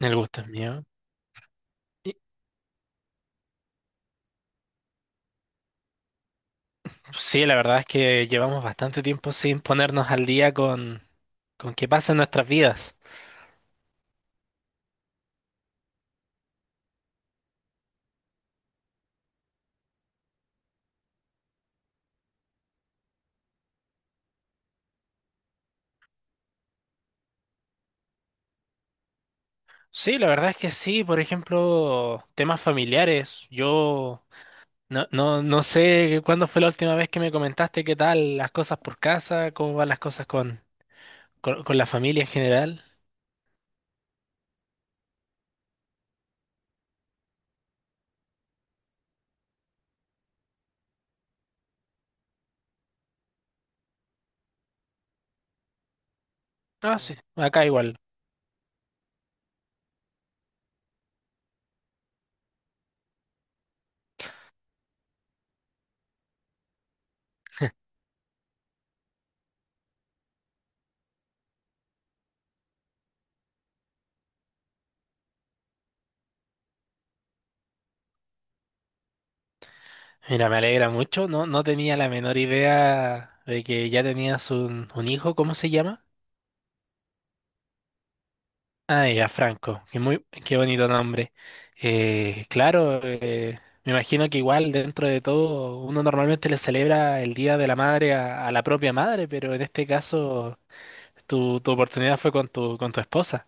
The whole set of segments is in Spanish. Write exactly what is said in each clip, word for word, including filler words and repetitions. El gusto es mío. Y- Sí, la verdad es que llevamos bastante tiempo sin ponernos al día con, con qué pasa en nuestras vidas. Sí, la verdad es que sí, por ejemplo, temas familiares. Yo no, no, no sé cuándo fue la última vez que me comentaste qué tal las cosas por casa, cómo van las cosas con, con, con la familia en general. Ah, sí, acá igual. Mira, me alegra mucho. No, no tenía la menor idea de que ya tenías un, un hijo. ¿Cómo se llama? Ah, ya, Franco, qué muy, qué bonito nombre. Eh, claro, eh, me imagino que igual dentro de todo uno normalmente le celebra el Día de la Madre a, a la propia madre, pero en este caso tu, tu oportunidad fue con tu, con tu esposa.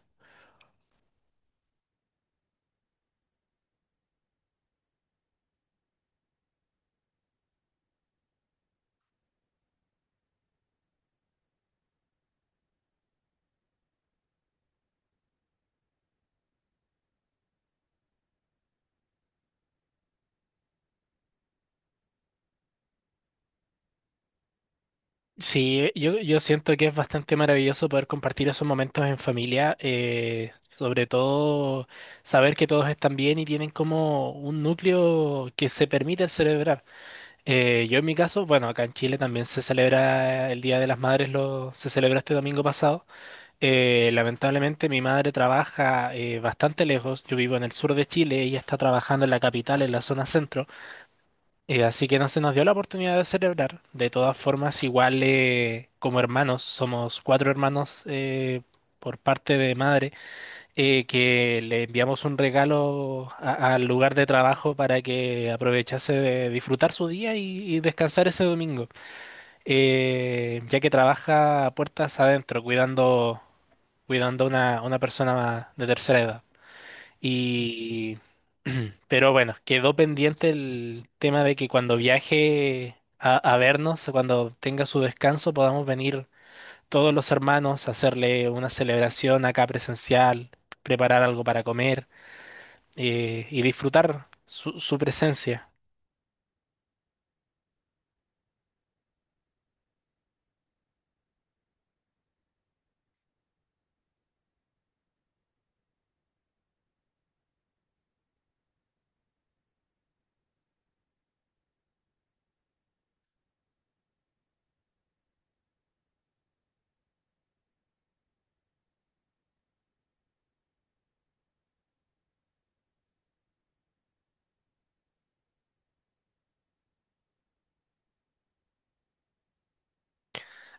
Sí, yo, yo siento que es bastante maravilloso poder compartir esos momentos en familia, eh, sobre todo saber que todos están bien y tienen como un núcleo que se permite celebrar. Eh, yo en mi caso, bueno, acá en Chile también se celebra el Día de las Madres, lo, se celebró este domingo pasado. Eh, lamentablemente mi madre trabaja eh, bastante lejos, yo vivo en el sur de Chile, ella está trabajando en la capital, en la zona centro, eh, así que no se nos dio la oportunidad de celebrar. De todas formas, igual eh, como hermanos, somos cuatro hermanos eh, por parte de madre eh, que le enviamos un regalo a- al lugar de trabajo para que aprovechase de disfrutar su día y, y descansar ese domingo. Eh, ya que trabaja a puertas adentro cuidando, cuidando a una, una persona de tercera edad. Y, pero bueno, quedó pendiente el tema de que cuando viaje a, a vernos, cuando tenga su descanso, podamos venir todos los hermanos, hacerle una celebración acá presencial, preparar algo para comer eh, y disfrutar su, su presencia.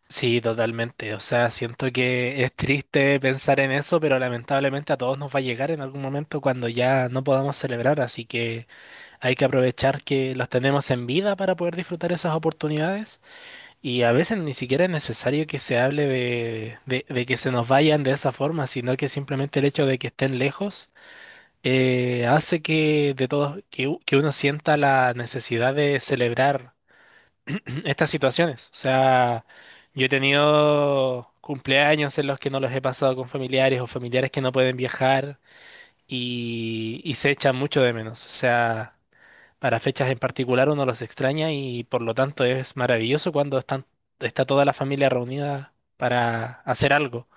Sí, totalmente. O sea, siento que es triste pensar en eso, pero lamentablemente a todos nos va a llegar en algún momento cuando ya no podamos celebrar, así que hay que aprovechar que los tenemos en vida para poder disfrutar esas oportunidades. Y a veces ni siquiera es necesario que se hable de, de, de que se nos vayan de esa forma, sino que simplemente el hecho de que estén lejos eh, hace que de todos que, u- que uno sienta la necesidad de celebrar estas situaciones. O sea, yo he tenido cumpleaños en los que no los he pasado con familiares o familiares que no pueden viajar y, y se echan mucho de menos. O sea, para fechas en particular uno los extraña y por lo tanto es maravilloso cuando están, está toda la familia reunida para hacer algo.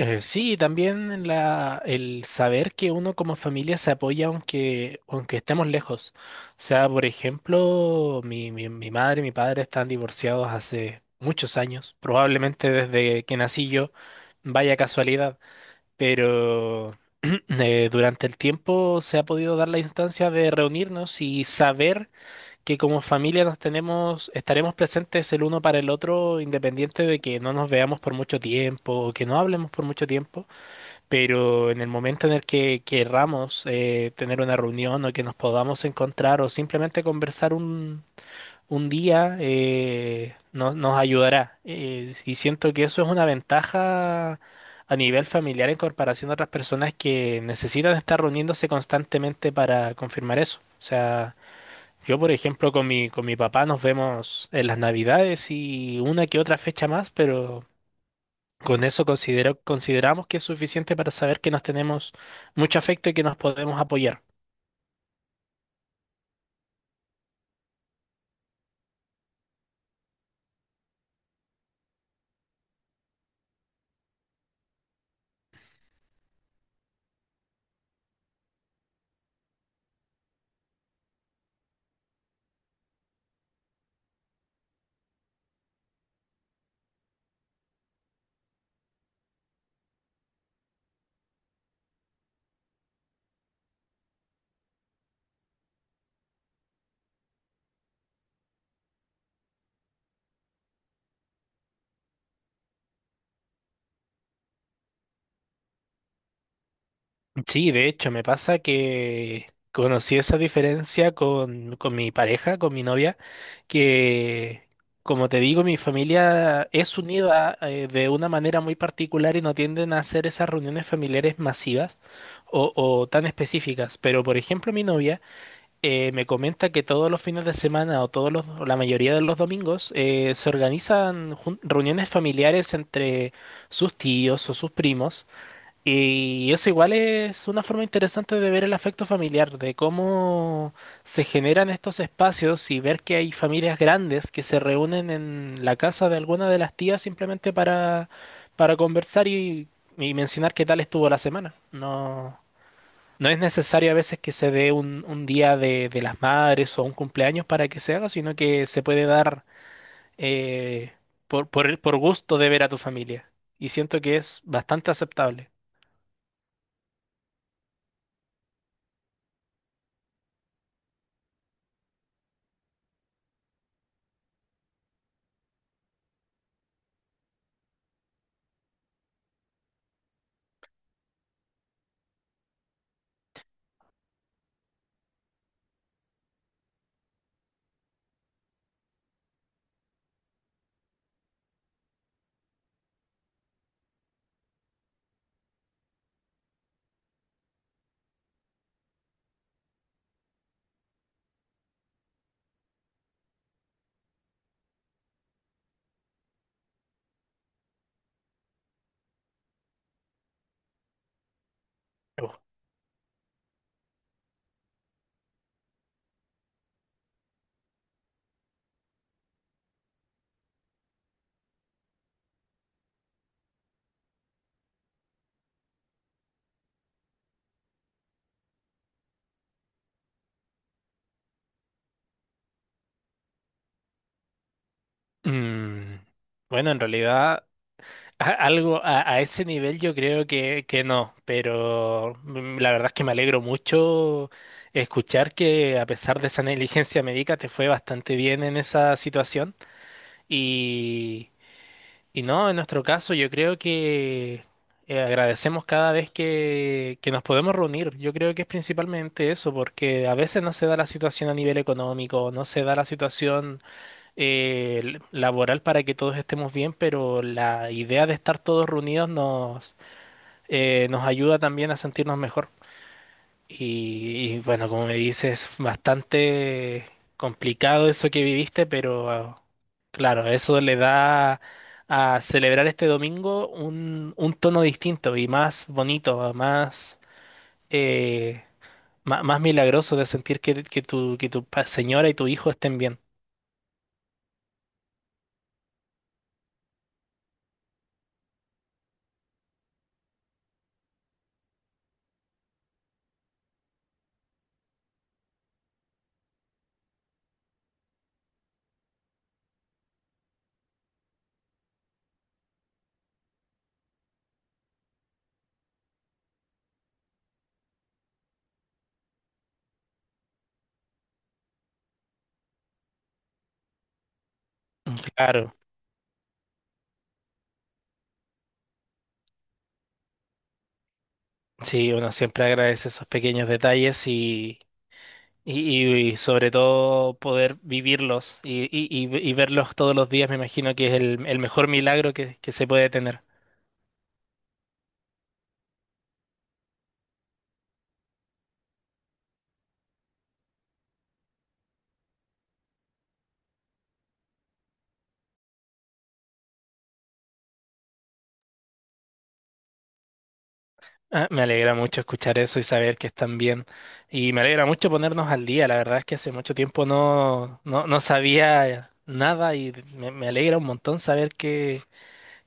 Eh, sí, también la, el saber que uno como familia se apoya aunque, aunque estemos lejos. O sea, por ejemplo, mi, mi, mi madre y mi padre están divorciados hace muchos años, probablemente desde que nací yo, vaya casualidad, pero eh, durante el tiempo se ha podido dar la instancia de reunirnos y saber que como familia nos tenemos, estaremos presentes el uno para el otro, independiente de que no nos veamos por mucho tiempo o que no hablemos por mucho tiempo, pero en el momento en el que querramos eh, tener una reunión o que nos podamos encontrar o simplemente conversar un, un día, eh, no- nos ayudará. Eh, y siento que eso es una ventaja a nivel familiar en comparación a otras personas que necesitan estar reuniéndose constantemente para confirmar eso. O sea, yo, por ejemplo, con mi, con mi papá nos vemos en las Navidades y una que otra fecha más, pero... Con eso considero, consideramos que es suficiente para saber que nos tenemos mucho afecto y que nos podemos apoyar. Sí, de hecho, me pasa que conocí esa diferencia con, con mi pareja, con mi novia, que, como te digo, mi familia es unida eh, de una manera muy particular y no tienden a hacer esas reuniones familiares masivas o, o tan específicas. Pero, por ejemplo, mi novia... eh, me comenta que todos los fines de semana o todos los, o la mayoría de los domingos eh, se organizan jun- reuniones familiares entre sus tíos o sus primos y eso igual es una forma interesante de ver el afecto familiar, de cómo se generan estos espacios y ver que hay familias grandes que se reúnen en la casa de alguna de las tías simplemente para, para conversar y, y mencionar qué tal estuvo la semana. No. No es necesario a veces que se dé un, un día de, de las madres o un cumpleaños para que se haga, sino que se puede dar eh, por, por, el- por gusto de ver a tu familia. Y siento que es bastante aceptable. Oh. Mm, bueno, en realidad, a- algo a, a ese nivel yo creo que, que no, pero mm, la verdad es que me alegro mucho escuchar que a pesar de esa negligencia médica te fue bastante bien en esa situación. Y no, en nuestro caso yo creo que eh, agradecemos cada vez que, que nos podemos reunir. Yo creo que es principalmente eso, porque a veces no se da la situación a nivel económico, no se da la situación eh, l- laboral para que todos estemos bien, pero la idea de estar todos reunidos nos, eh, nos ayuda también a sentirnos mejor. Y, y, bueno, como me dices, bastante complicado eso que viviste, pero ah, claro, eso le da a celebrar este domingo un, un tono distinto y más bonito, más, eh, ma- más milagroso de sentir que, que tu, que tu pa- señora y tu hijo estén bien. Claro, sí, uno siempre agradece esos pequeños detalles. Y, y- sobre todo poder vivirlos y, y- y- y verlos todos los días, me imagino que es el, el mejor milagro que, que se puede tener. Ah, me alegra mucho escuchar eso y saber que están bien. Y me alegra mucho ponernos al día. La verdad es que hace mucho tiempo no, no, no sabía nada y me, me alegra un montón saber que,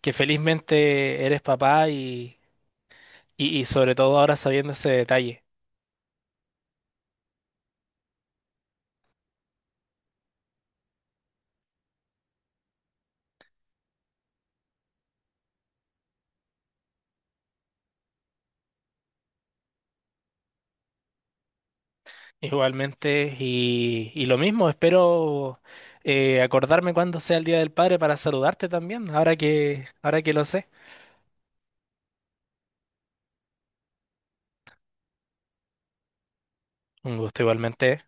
que felizmente eres papá y, y, y sobre todo ahora sabiendo ese detalle. Igualmente, y, y lo mismo, espero eh, acordarme cuando sea el Día del Padre para saludarte también, ahora que, ahora que lo sé. Un gusto igualmente.